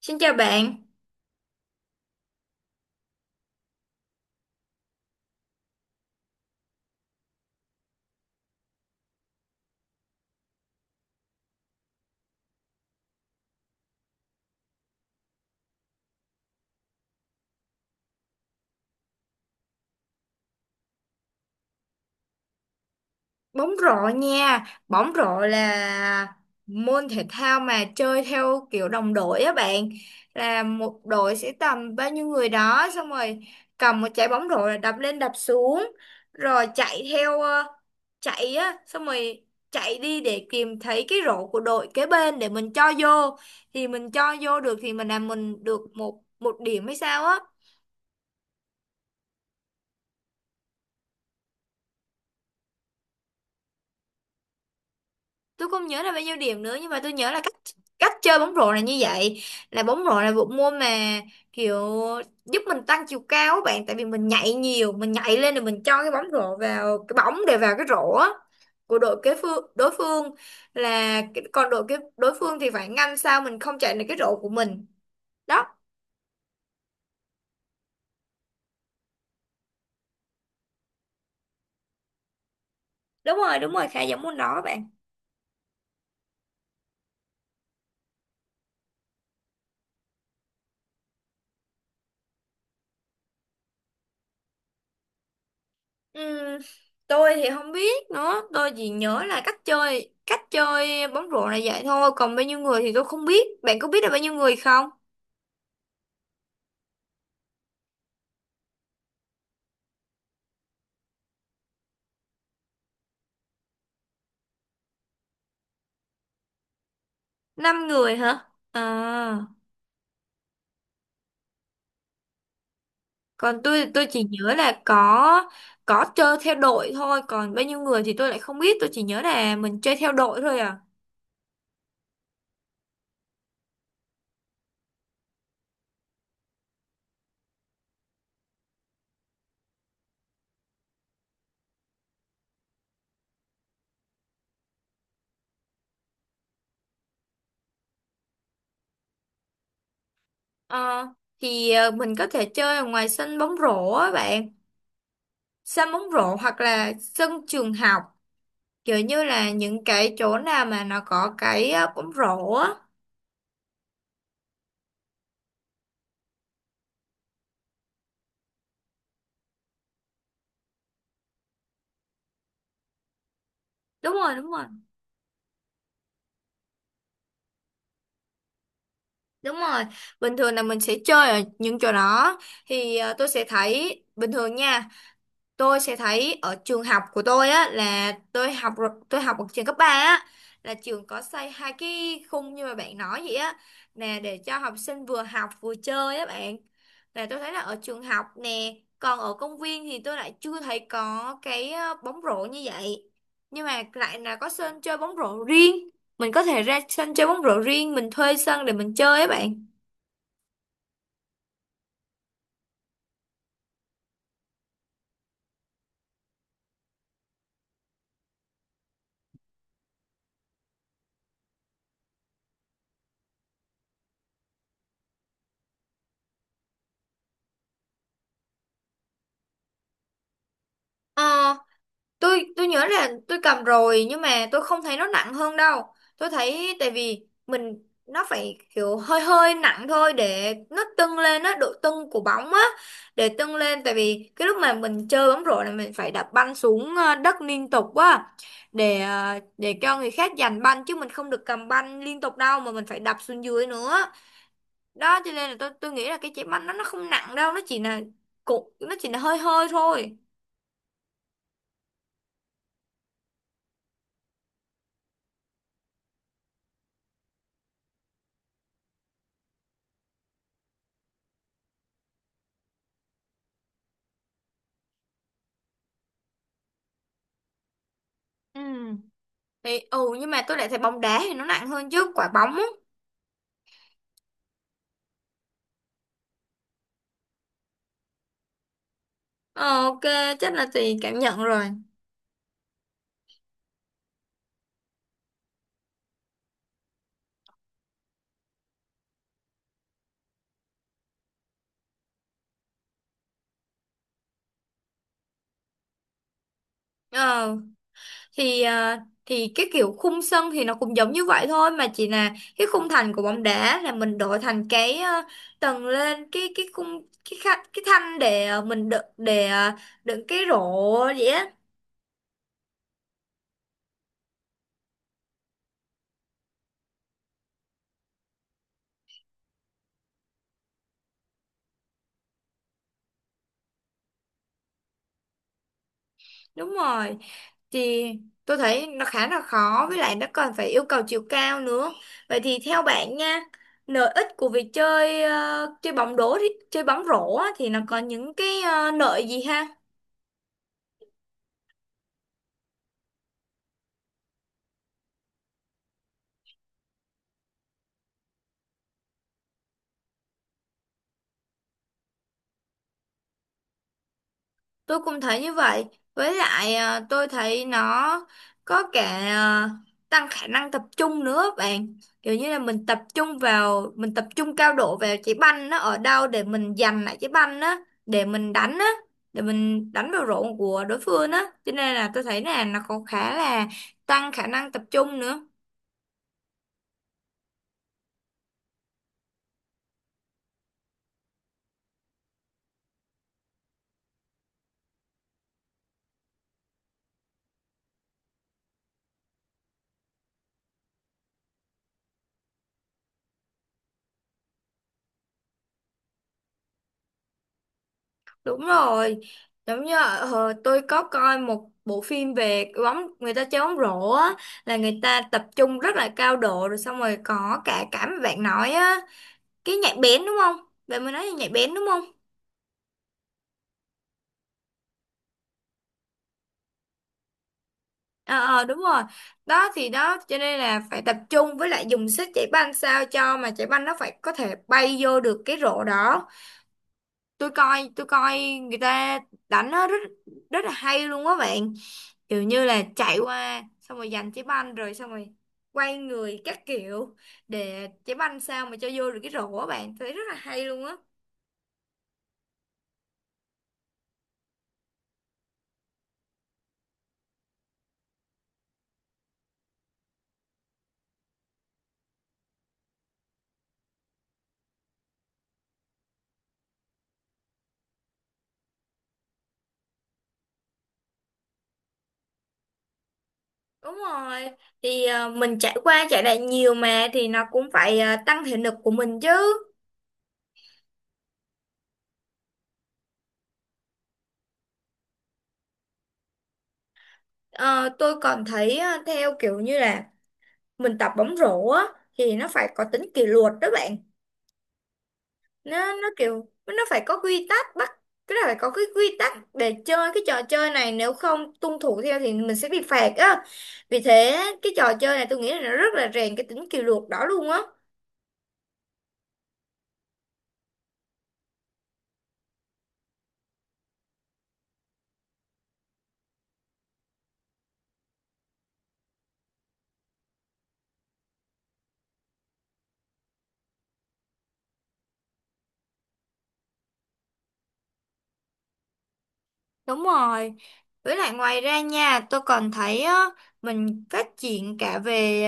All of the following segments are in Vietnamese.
Xin chào bạn, bóng rổ nha. Bóng rổ là môn thể thao mà chơi theo kiểu đồng đội á bạn. Là một đội sẽ tầm bao nhiêu người đó, xong rồi cầm một trái bóng rổ là đập lên đập xuống rồi chạy theo chạy á, xong rồi chạy đi để tìm thấy cái rổ của đội kế bên để mình cho vô. Thì mình cho vô được thì mình làm, mình được một một điểm hay sao á. Tôi không nhớ là bao nhiêu điểm nữa, nhưng mà tôi nhớ là cách cách chơi bóng rổ là như vậy. Là bóng rổ là bộ môn mà kiểu giúp mình tăng chiều cao á bạn, tại vì mình nhảy nhiều, mình nhảy lên rồi mình cho cái bóng rổ vào, cái bóng để vào cái rổ á của đội kế phương đối phương. Còn đội cái đối phương thì phải ngăn sao mình không chạy được cái rổ của mình đó. Đúng rồi, đúng rồi, khá giống môn đó bạn. Ừm, tôi thì không biết nữa, tôi chỉ nhớ là cách chơi bóng rổ là vậy thôi, còn bao nhiêu người thì tôi không biết. Bạn có biết là bao nhiêu người không? Năm người hả, à? Còn tôi chỉ nhớ là có chơi theo đội thôi, còn bao nhiêu người thì tôi lại không biết, tôi chỉ nhớ là mình chơi theo đội thôi à. Ờ, mình có thể chơi ở ngoài sân bóng rổ á bạn, sân bóng rổ hoặc là sân trường học, kiểu như là những cái chỗ nào mà nó có cái bóng rổ á. Đúng rồi, đúng rồi, đúng rồi, bình thường là mình sẽ chơi ở những chỗ đó. Tôi sẽ thấy bình thường nha, tôi sẽ thấy ở trường học của tôi á. Là tôi học ở trường cấp 3 á, là trường có xây hai cái khung như mà bạn nói vậy á, nè, để cho học sinh vừa học vừa chơi á bạn. Là tôi thấy là ở trường học nè, còn ở công viên thì tôi lại chưa thấy có cái bóng rổ như vậy, nhưng mà lại là có sân chơi bóng rổ riêng. Mình có thể ra sân chơi bóng rổ riêng, mình thuê sân để mình chơi á bạn. Ờ, tôi nhớ là tôi cầm rồi, nhưng mà tôi không thấy nó nặng hơn đâu. Tôi thấy tại vì mình, nó phải kiểu hơi hơi nặng thôi để nó tưng lên á, độ tưng của bóng á, để tưng lên. Tại vì cái lúc mà mình chơi bóng rổ là mình phải đập banh xuống đất liên tục á, để để cho người khác giành banh, chứ mình không được cầm banh liên tục đâu mà mình phải đập xuống dưới nữa đó. Cho nên là tôi nghĩ là cái trái banh nó không nặng đâu, nó chỉ là hơi hơi thôi. Ừ. Thì, ừ, nhưng mà tôi lại thấy bóng đá thì nó nặng hơn chứ quả bóng á. Ờ, ok, chắc là tùy cảm nhận rồi. Ờ thì ờ, thì cái kiểu khung sân thì nó cũng giống như vậy thôi, mà chỉ là cái khung thành của bóng đá là mình đổi thành cái tầng lên cái khung, cái thanh để mình đựng, để đựng cái rổ vậy á. Đúng rồi. Thì tôi thấy nó khá là khó, với lại nó còn phải yêu cầu chiều cao nữa. Vậy thì theo bạn nha, lợi ích của việc chơi bóng rổ á, thì nó có những cái lợi gì ha? Tôi cũng thấy như vậy. Với lại à, tôi thấy nó có cả à, tăng khả năng tập trung nữa bạn. Kiểu như là mình tập trung vào, mình tập trung cao độ vào trái banh nó ở đâu để mình giành lại trái banh á, để mình đánh á, để mình đánh vào rổ của đối phương á. Cho nên là tôi thấy là nó có khá là tăng khả năng tập trung nữa. Đúng rồi, giống như tôi có coi một bộ phim về bóng, người ta chơi bóng rổ á, là người ta tập trung rất là cao độ, rồi xong rồi có cả cảm bạn nói á, cái nhạy bén đúng không? Bạn mới nói là nhạy bén đúng không? Ờ, Đúng rồi. Đó thì đó, cho nên là phải tập trung, với lại dùng sức chạy banh sao cho mà chạy banh nó phải có thể bay vô được cái rổ đó. Tôi coi người ta đánh nó rất rất là hay luôn á bạn, kiểu như là chạy qua xong rồi giành trái banh rồi xong rồi quay người các kiểu để trái banh sao mà cho vô được cái rổ á bạn, thấy rất là hay luôn á. Đúng rồi, mình chạy qua chạy lại nhiều mà thì nó cũng phải tăng thể lực của mình chứ. Ờ, tôi còn thấy theo kiểu như là mình tập bóng rổ á thì nó phải có tính kỷ luật đó bạn. Nó kiểu nó phải có quy tắc, bắt cái là phải có cái quy tắc để chơi cái trò chơi này, nếu không tuân thủ theo thì mình sẽ bị phạt á. Vì thế cái trò chơi này tôi nghĩ là nó rất là rèn cái tính kỷ luật đó luôn á. Đúng rồi. Với lại ngoài ra nha, tôi còn thấy á, mình phát triển cả về,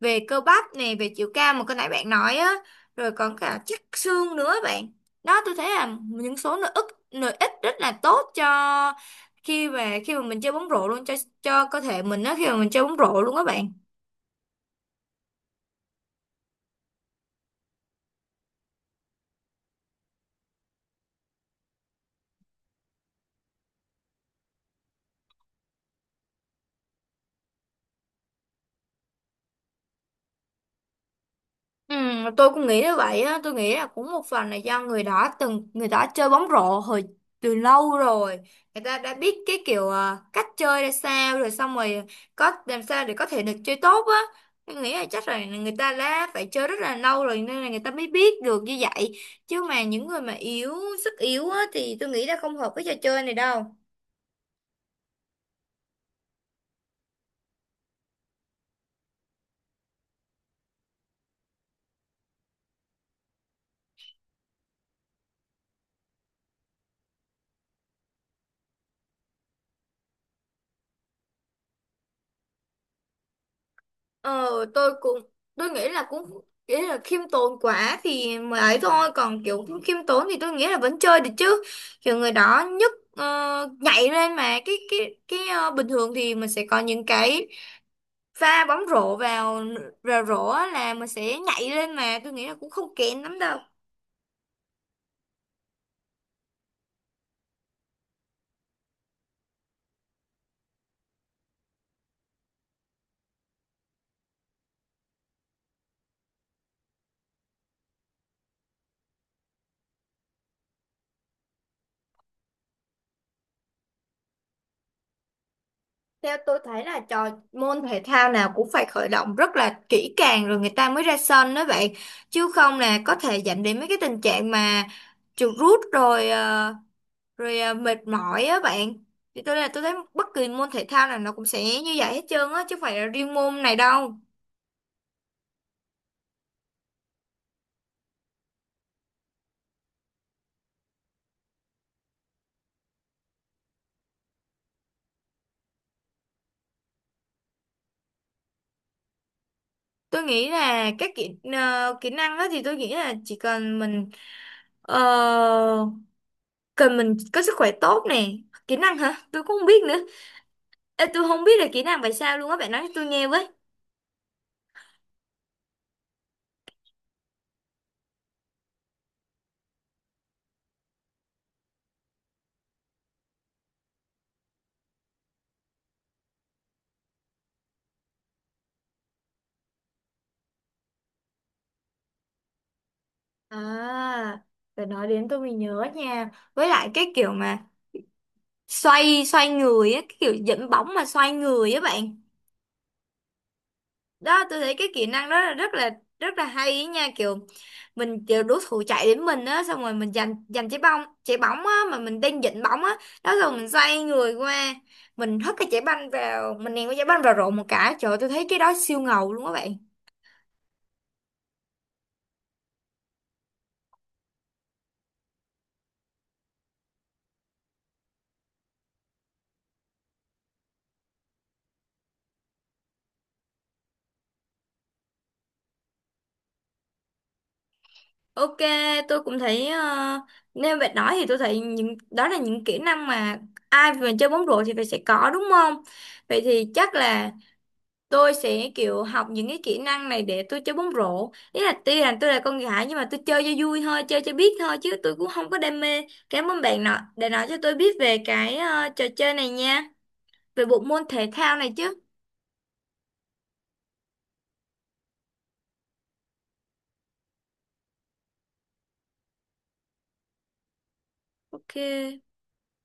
về cơ bắp nè, về chiều cao mà cái nãy bạn nói á, rồi còn cả chắc xương nữa bạn. Đó, tôi thấy là những số lợi ích rất là tốt cho khi mà mình chơi bóng rổ luôn, cho cơ thể mình á khi mà mình chơi bóng rổ luôn á bạn. Ừ, tôi cũng nghĩ như vậy á. Tôi nghĩ là cũng một phần là do người đó, chơi bóng rổ từ lâu rồi, người ta đã biết cái kiểu à, cách chơi ra sao rồi, xong rồi có làm sao để có thể được chơi tốt á. Tôi nghĩ là chắc là người ta đã phải chơi rất là lâu rồi nên là người ta mới biết được như vậy. Chứ mà những người mà yếu, sức yếu á thì tôi nghĩ là không hợp với trò chơi này đâu. Ờ, tôi cũng tôi nghĩ là cũng nghĩ là khiêm tốn quá thì mới ấy thôi, còn kiểu không khiêm tốn thì tôi nghĩ là vẫn chơi được chứ. Kiểu người đó nhấc, nhảy lên mà cái bình thường thì mình sẽ có những cái pha bóng rổ vào vào rổ á là mình sẽ nhảy lên, mà tôi nghĩ là cũng không kén lắm đâu. Theo tôi thấy là môn thể thao nào cũng phải khởi động rất là kỹ càng rồi người ta mới ra sân đó vậy, chứ không là có thể dẫn đến mấy cái tình trạng mà chuột rút rồi, rồi à, mệt mỏi á bạn. Thì tôi thấy bất kỳ môn thể thao nào nó cũng sẽ như vậy hết trơn á, chứ không phải là riêng môn này đâu. Tôi nghĩ là kỹ năng á thì tôi nghĩ là chỉ cần mình ờ, cần mình có sức khỏe tốt nè. Kỹ năng hả, tôi cũng không biết nữa. Ê, tôi không biết là kỹ năng phải sao luôn á, bạn nói cho tôi nghe với. À, phải nói đến tôi mới nhớ nha, với lại cái kiểu mà xoay xoay người á, cái kiểu dẫn bóng mà xoay người á bạn. Đó, tôi thấy cái kỹ năng đó là rất là hay ý nha, kiểu mình, kiểu đối thủ chạy đến mình á, xong rồi mình giành giành trái bóng á mà mình đang giận bóng á. Đó rồi mình xoay người qua, mình ném cái trái banh vào rổ một cái, trời ơi, tôi thấy cái đó siêu ngầu luôn các bạn. Ok, tôi cũng thấy nếu bạn nói thì tôi thấy những đó là những kỹ năng mà ai mà chơi bóng rổ thì phải sẽ có, đúng không? Vậy thì chắc là tôi sẽ kiểu học những cái kỹ năng này để tôi chơi bóng rổ. Ý là tuy là tôi là con gái nhưng mà tôi chơi cho vui thôi, chơi cho biết thôi, chứ tôi cũng không có đam mê. Cảm ơn bạn nọ đã nói cho tôi biết về cái trò chơi này nha, về bộ môn thể thao này chứ. Ok.